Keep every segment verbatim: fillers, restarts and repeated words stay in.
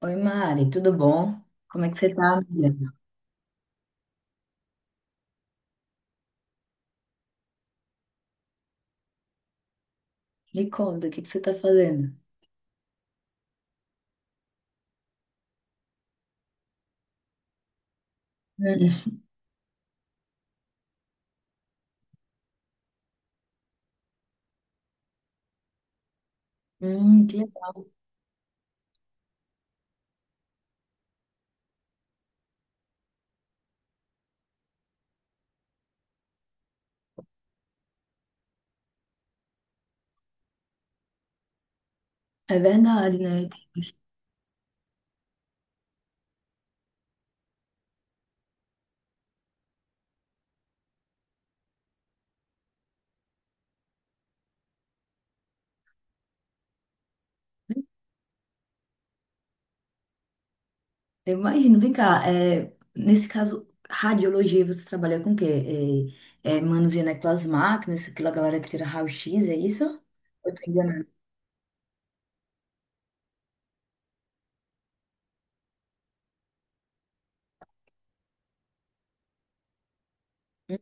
Oi, Mari, tudo bom? Como é que você tá, amiga? Me conta, o que que você tá fazendo? Hum, hum, que legal. É verdade, né? Eu imagino. Vem cá, é, nesse caso, radiologia, você trabalha com o quê? É, é, manuseando aquelas máquinas, aquela galera que tira raio-x, é isso? Eu tô enganando. Hum.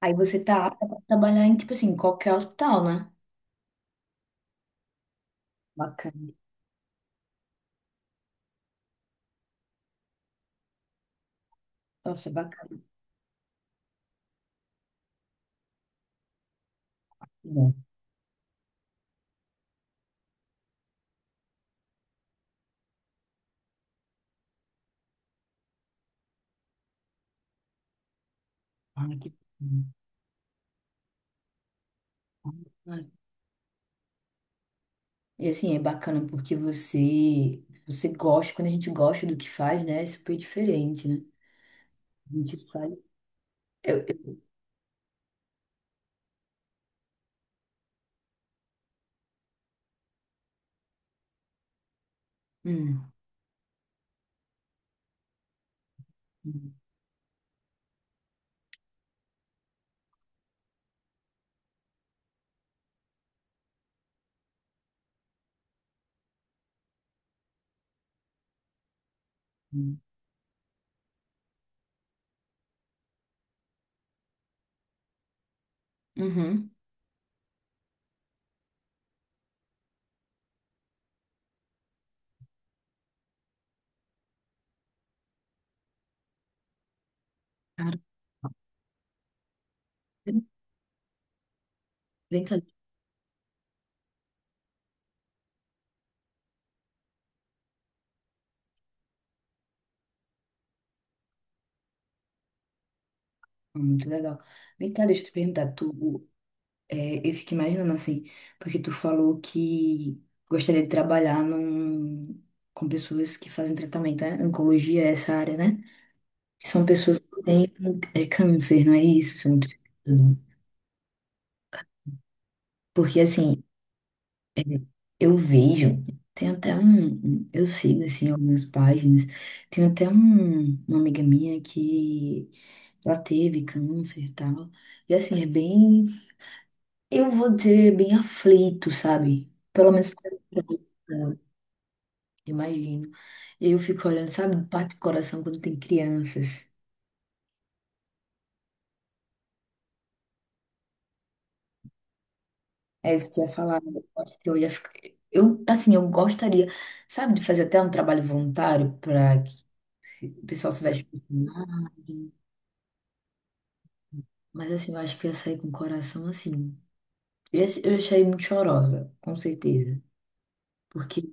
Aí você tá apta pra trabalhar em, tipo assim, qualquer hospital, né? Bacana. Nossa, bacana. Bom. Ai, que... E assim, é bacana porque você você gosta, quando a gente gosta do que faz, né? É super diferente, né? A gente faz. Eu, eu- hum, hum, hum. Uhum. Claro. Vem cá, muito legal. Vem cá, deixa eu te perguntar, tu, é, eu fico imaginando assim, porque tu falou que gostaria de trabalhar num, com pessoas que fazem tratamento, né? Oncologia é essa área, né? Que são pessoas que têm é, câncer, não é isso? São- muito- Porque assim, eu vejo, tem até um, um- eu sigo assim algumas páginas, tem até um, uma amiga minha que ela teve câncer e tal, e assim, é bem, eu vou dizer, bem aflito, sabe? Pelo menos pra mim, eu imagino. Eu fico olhando, sabe, parte do coração quando tem crianças. É isso que eu ia falar, eu acho que eu ia ficar, eu, assim, eu gostaria, sabe, de fazer até um trabalho voluntário para que o pessoal se veste. Mas assim, eu acho que eu saí com o coração assim. Eu eu ia muito chorosa, com certeza. Porque,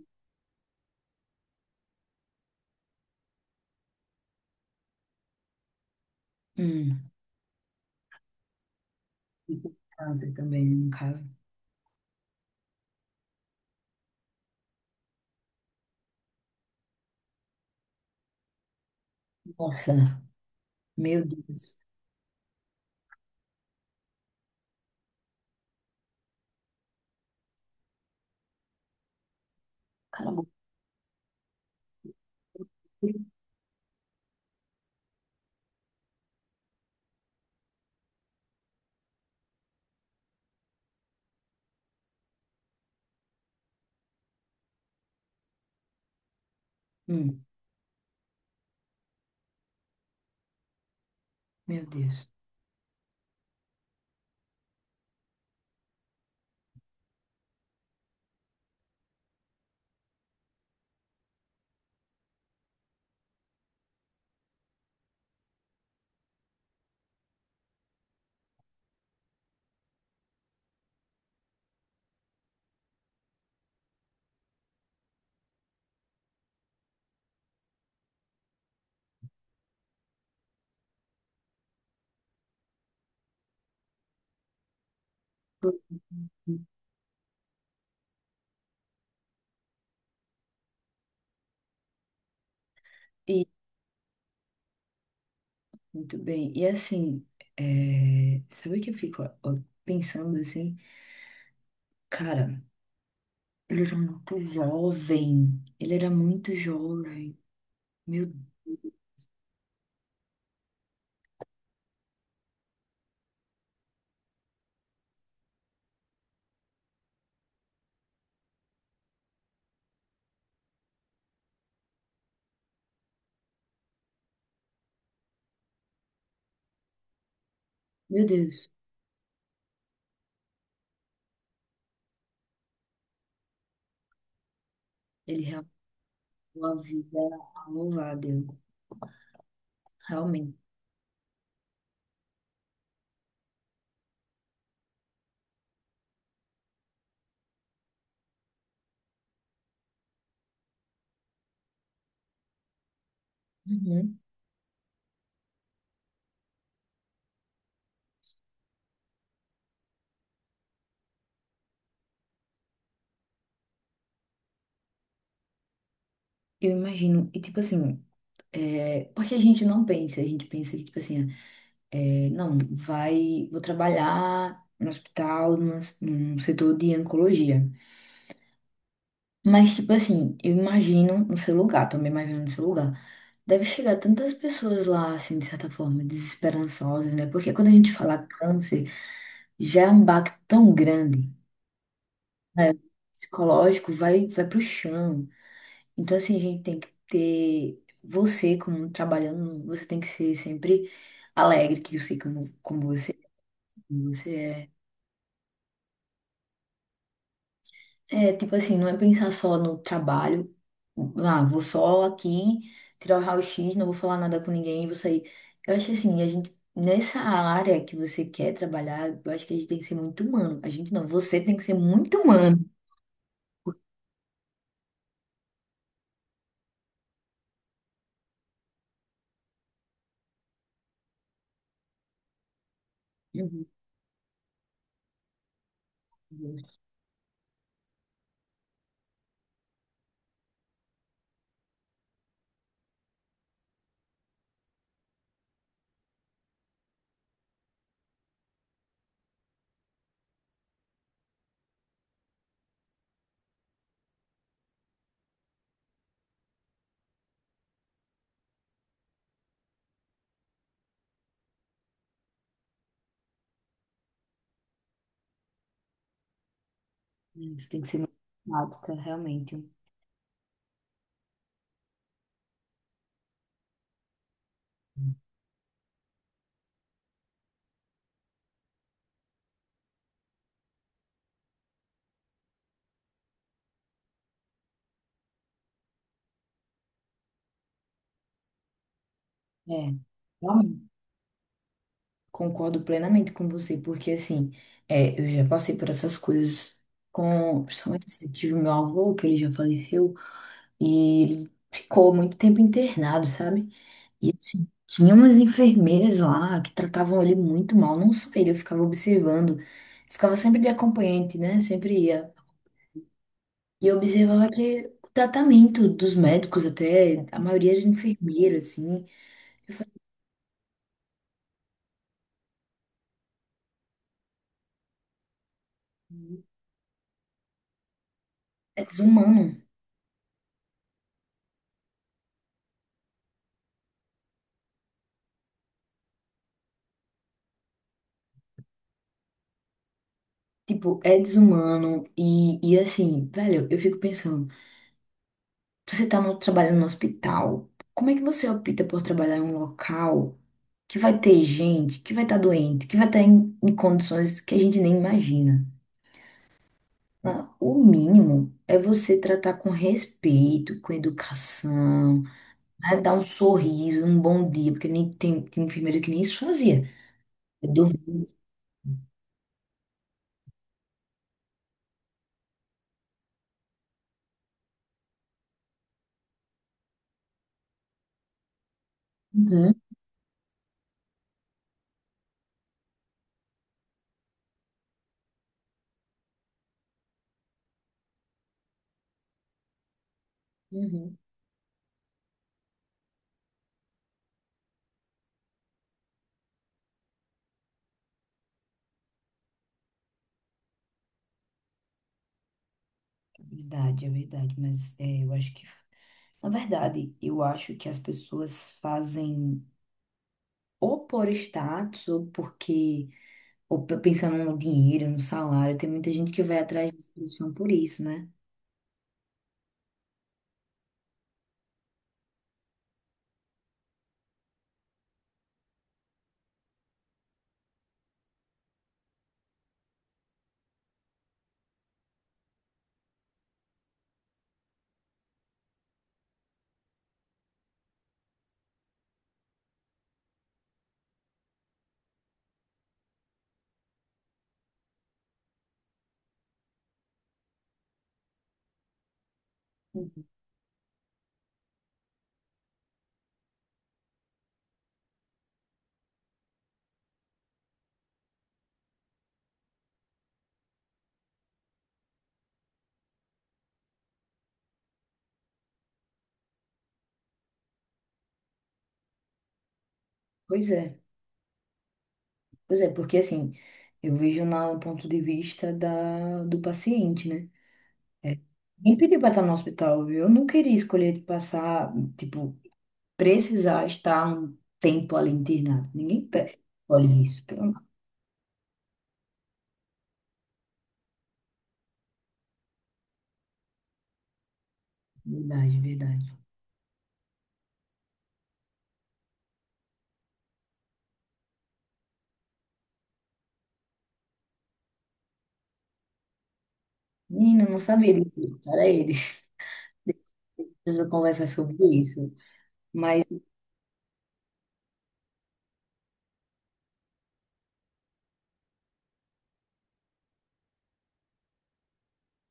hum, e com câncer também, no caso. Nossa, meu Deus. Cala a boca. Hum, meu Deus. E muito bem. E assim, é, sabe o que eu fico ó, ó, pensando assim? Cara, ele era muito jovem. Ele era muito jovem. Meu, meu Deus. Ele realmente deu a vida a Deus. Realmente. Uhum. Eu imagino, e tipo assim, é, porque a gente não pensa, a gente pensa que, tipo assim, é, não, vai, vou trabalhar no hospital, numa- num setor de oncologia. Mas, tipo assim, eu imagino no seu lugar, também imagino no seu lugar. Deve chegar tantas pessoas lá, assim, de certa forma, desesperançosas, né? Porque quando a gente fala câncer, já é um baque tão grande, né? Psicológico vai, vai pro chão. Então, assim, a gente tem que ter você como trabalhando, você tem que ser sempre alegre, que eu sei como, como você, é, como você é. É, tipo assim, não é pensar só no trabalho. Ah, vou só aqui tirar o raio-x, não vou falar nada com ninguém, vou sair. Eu acho assim, a gente, nessa área que você quer trabalhar, eu acho que a gente tem que ser muito humano. A gente não, você tem que ser muito humano. Uhum, uhum. Você tem que ser muito prática, realmente. É, realmente. Concordo plenamente com você, porque assim, é, eu já passei por essas coisas com, principalmente assim, eu tive meu avô, que ele já faleceu, e ele ficou muito tempo internado, sabe? E assim, tinha umas enfermeiras lá que tratavam ele muito mal, não só ele, eu ficava observando, ficava sempre de acompanhante, né? Sempre ia. E eu observava que o tratamento dos médicos, até a maioria era enfermeira, assim, eu falei, é desumano. Tipo, é desumano e, e assim, velho, eu fico pensando, você tá no, trabalhando no hospital, como é que você opta por trabalhar em um local que vai ter gente, que vai estar doente, que vai estar em, em condições que a gente nem imagina? Ah, o mínimo é você tratar com respeito, com educação, né? Dar um sorriso, um bom dia, porque nem tem, tem enfermeiro que nem isso fazia. Eu dou- uhum, uhum. É verdade, é verdade, mas é, eu acho que, na verdade, eu acho que as pessoas fazem ou por status, ou porque, ou pe- pensando no dinheiro, no salário, tem muita gente que vai atrás de solução por isso, né? Pois é, pois é, porque assim, eu vejo na- no ponto de vista da, do paciente, né? Quem pediu pra estar no hospital, viu? Eu não queria escolher de passar, tipo, precisar estar um tempo ali internado. Ninguém pede. Olha isso, pelo amor de Deus, verdade, verdade. Menina, eu não sabia disso, era ele. Preciso conversar sobre isso. Mas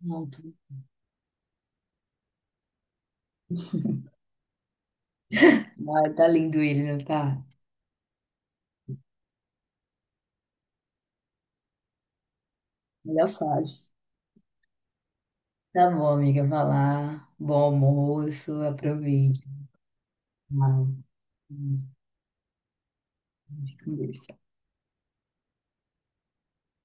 pronto. Ai, tá lindo ele, não tá? Melhor fase. Tá bom, amiga. Vai lá. Bom almoço. Aproveite. Tchau. Fica com Deus.